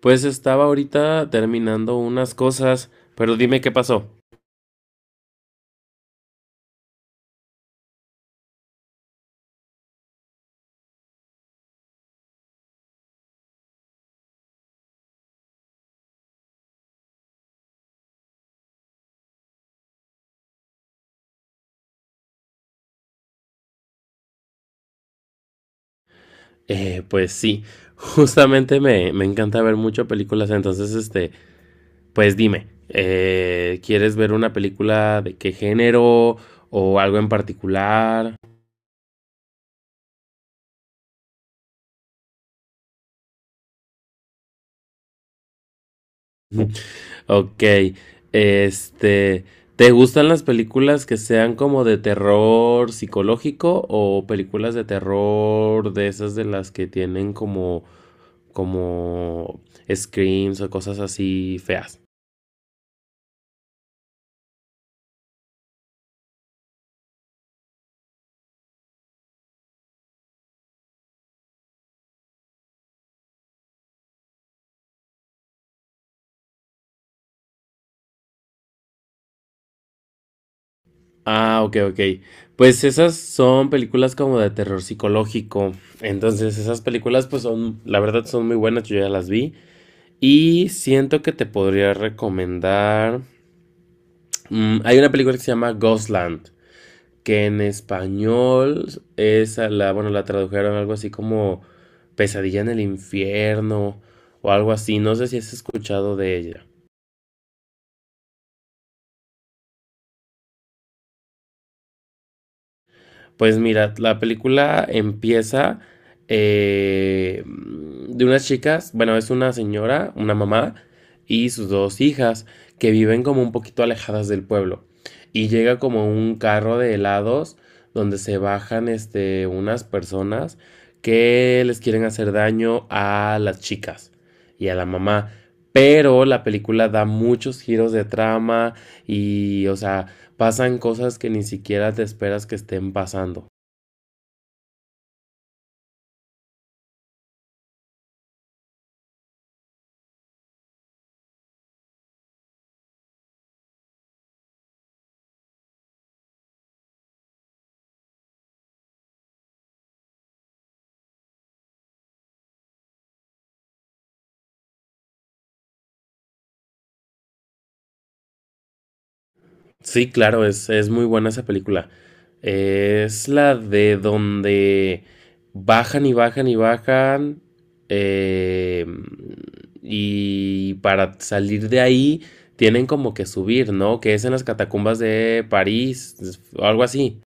Pues estaba ahorita terminando unas cosas, pero dime qué pasó. Pues sí, justamente me encanta ver mucho películas, entonces pues dime, ¿quieres ver una película de qué género o algo en particular? Ok, este, ¿te gustan las películas que sean como de terror psicológico o películas de terror de esas de las que tienen como como screams o cosas así feas? Ah, ok, ok. Pues esas son películas como de terror psicológico. Entonces esas películas pues son, la verdad son muy buenas, yo ya las vi. Y siento que te podría recomendar... hay una película que se llama Ghostland, que en español es a la, bueno, la tradujeron algo así como Pesadilla en el infierno o algo así. No sé si has escuchado de ella. Pues mira, la película empieza eh, de unas chicas, bueno, es una señora, una mamá y sus dos hijas que viven como un poquito alejadas del pueblo. Y llega como un carro de helados donde se bajan unas personas que les quieren hacer daño a las chicas y a la mamá. Pero la película da muchos giros de trama y, o sea, pasan cosas que ni siquiera te esperas que estén pasando. Sí, claro, es muy buena esa película. Es la de donde bajan y bajan y bajan. eh, y para salir de ahí tienen como que subir, ¿no? Que es en las catacumbas de París, o algo así.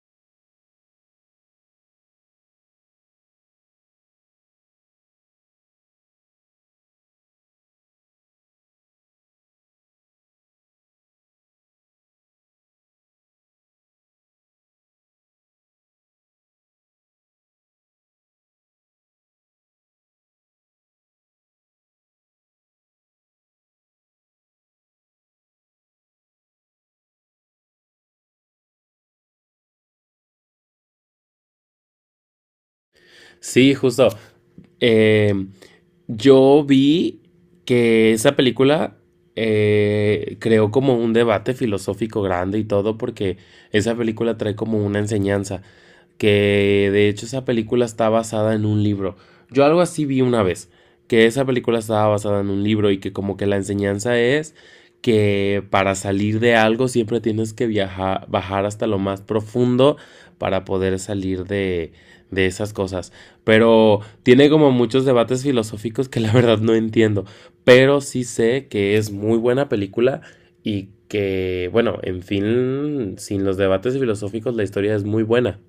Sí, justo. Eh, yo vi que esa película creó como un debate filosófico grande y todo porque esa película trae como una enseñanza, que de hecho esa película está basada en un libro. Yo algo así vi una vez, que esa película estaba basada en un libro y que como que la enseñanza es que para salir de algo siempre tienes que viajar, bajar hasta lo más profundo para poder de esas cosas. Pero tiene como muchos debates filosóficos que la verdad no entiendo. Pero sí sé que es muy buena película y que, bueno, en fin, sin los debates filosóficos la historia es muy buena.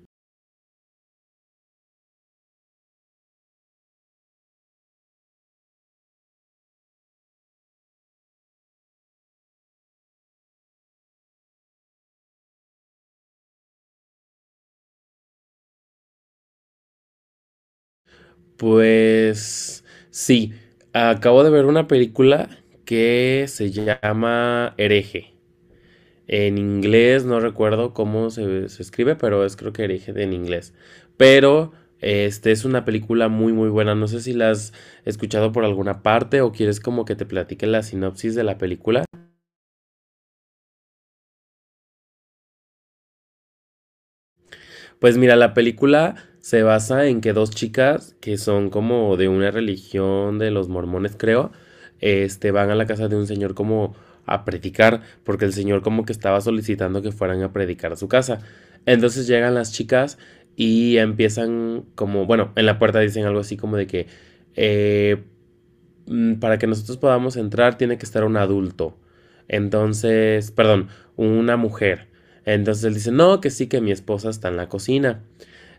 Pues sí, acabo de ver una película que se llama Hereje. En inglés, no recuerdo cómo se escribe, pero es creo que origen en inglés. Pero es una película muy muy buena. No sé si la has escuchado por alguna parte o quieres como que te platique la sinopsis de la película. Pues mira, la película se basa en que dos chicas que son como de una religión de los mormones, creo, van a la casa de un señor como a predicar, porque el señor como que estaba solicitando que fueran a predicar a su casa. Entonces llegan las chicas y empiezan como, bueno, en la puerta dicen algo así como de que eh, para que nosotros podamos entrar tiene que estar un adulto. Entonces, perdón, una mujer. Entonces él dice, no, que sí, que mi esposa está en la cocina.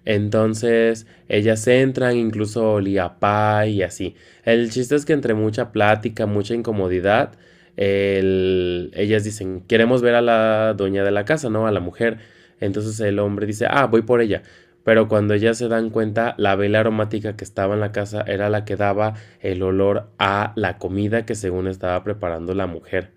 Entonces, ellas entran, incluso olía a pie y así. El chiste es que entre mucha plática, mucha incomodidad, ellas dicen, queremos ver a la dueña de la casa, ¿no? A la mujer. Entonces el hombre dice, ah, voy por ella. Pero cuando ellas se dan cuenta, la vela aromática que estaba en la casa era la que daba el olor a la comida que según estaba preparando la mujer.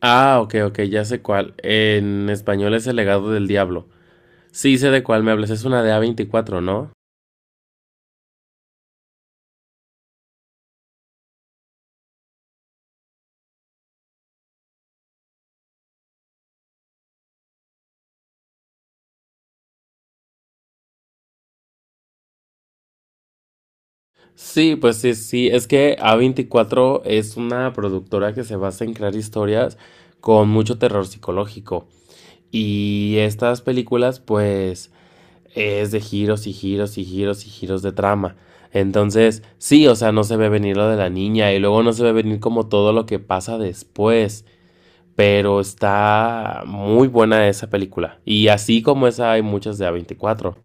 Ah, ok, ok, ya sé cuál. En español es el legado del diablo. Sí, sé de cuál me hablas, es una de A24, ¿no? Sí, pues sí, sí, es que A24 es una productora que se basa en crear historias con mucho terror psicológico. Y estas películas, pues, es de giros y giros y giros y giros de trama. Entonces, sí, o sea, no se ve venir lo de la niña y luego no se ve venir como todo lo que pasa después. Pero está muy buena esa película. Y así como esa hay muchas de A24.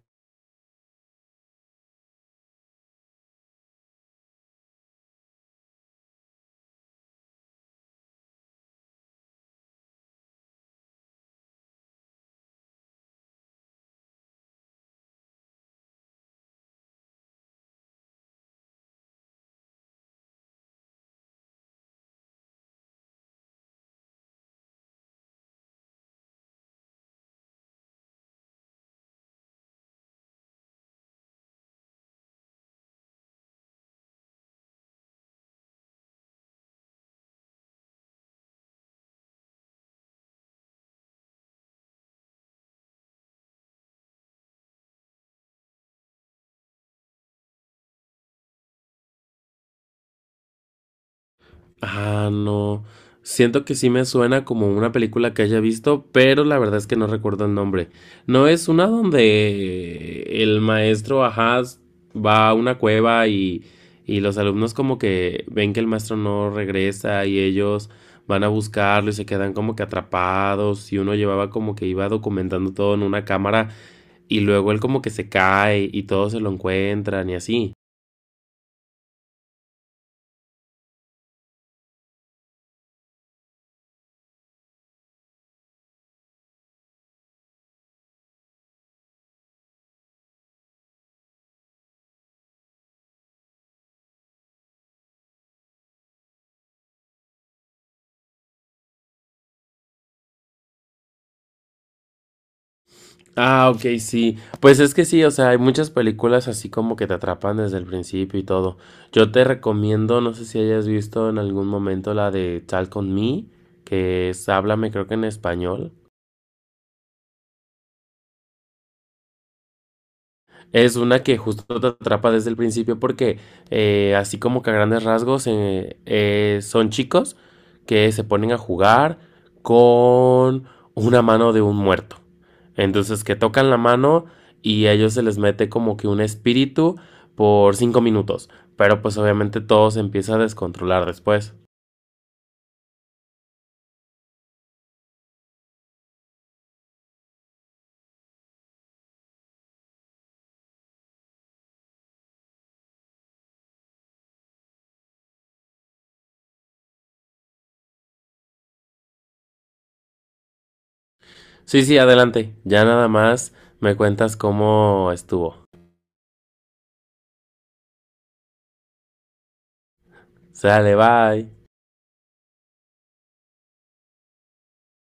Ah, no. Siento que sí me suena como una película que haya visto, pero la verdad es que no recuerdo el nombre. ¿No es una donde el maestro, ajá, va a una cueva y los alumnos como que ven que el maestro no regresa y ellos van a buscarlo y se quedan como que atrapados y uno llevaba como que iba documentando todo en una cámara y luego él como que se cae y todos se lo encuentran y así? Ah, ok, sí. Pues es que sí, o sea, hay muchas películas así como que te atrapan desde el principio y todo. Yo te recomiendo, no sé si hayas visto en algún momento la de Talk on Me, que es Háblame, creo que en español. Es una que justo te atrapa desde el principio porque así como que a grandes rasgos son chicos que se ponen a jugar con una mano de un muerto. Entonces que tocan la mano y a ellos se les mete como que un espíritu por 5 minutos. Pero pues obviamente todo se empieza a descontrolar después. Sí, sí, adelante. Ya nada más me cuentas cómo estuvo. Sale, bye.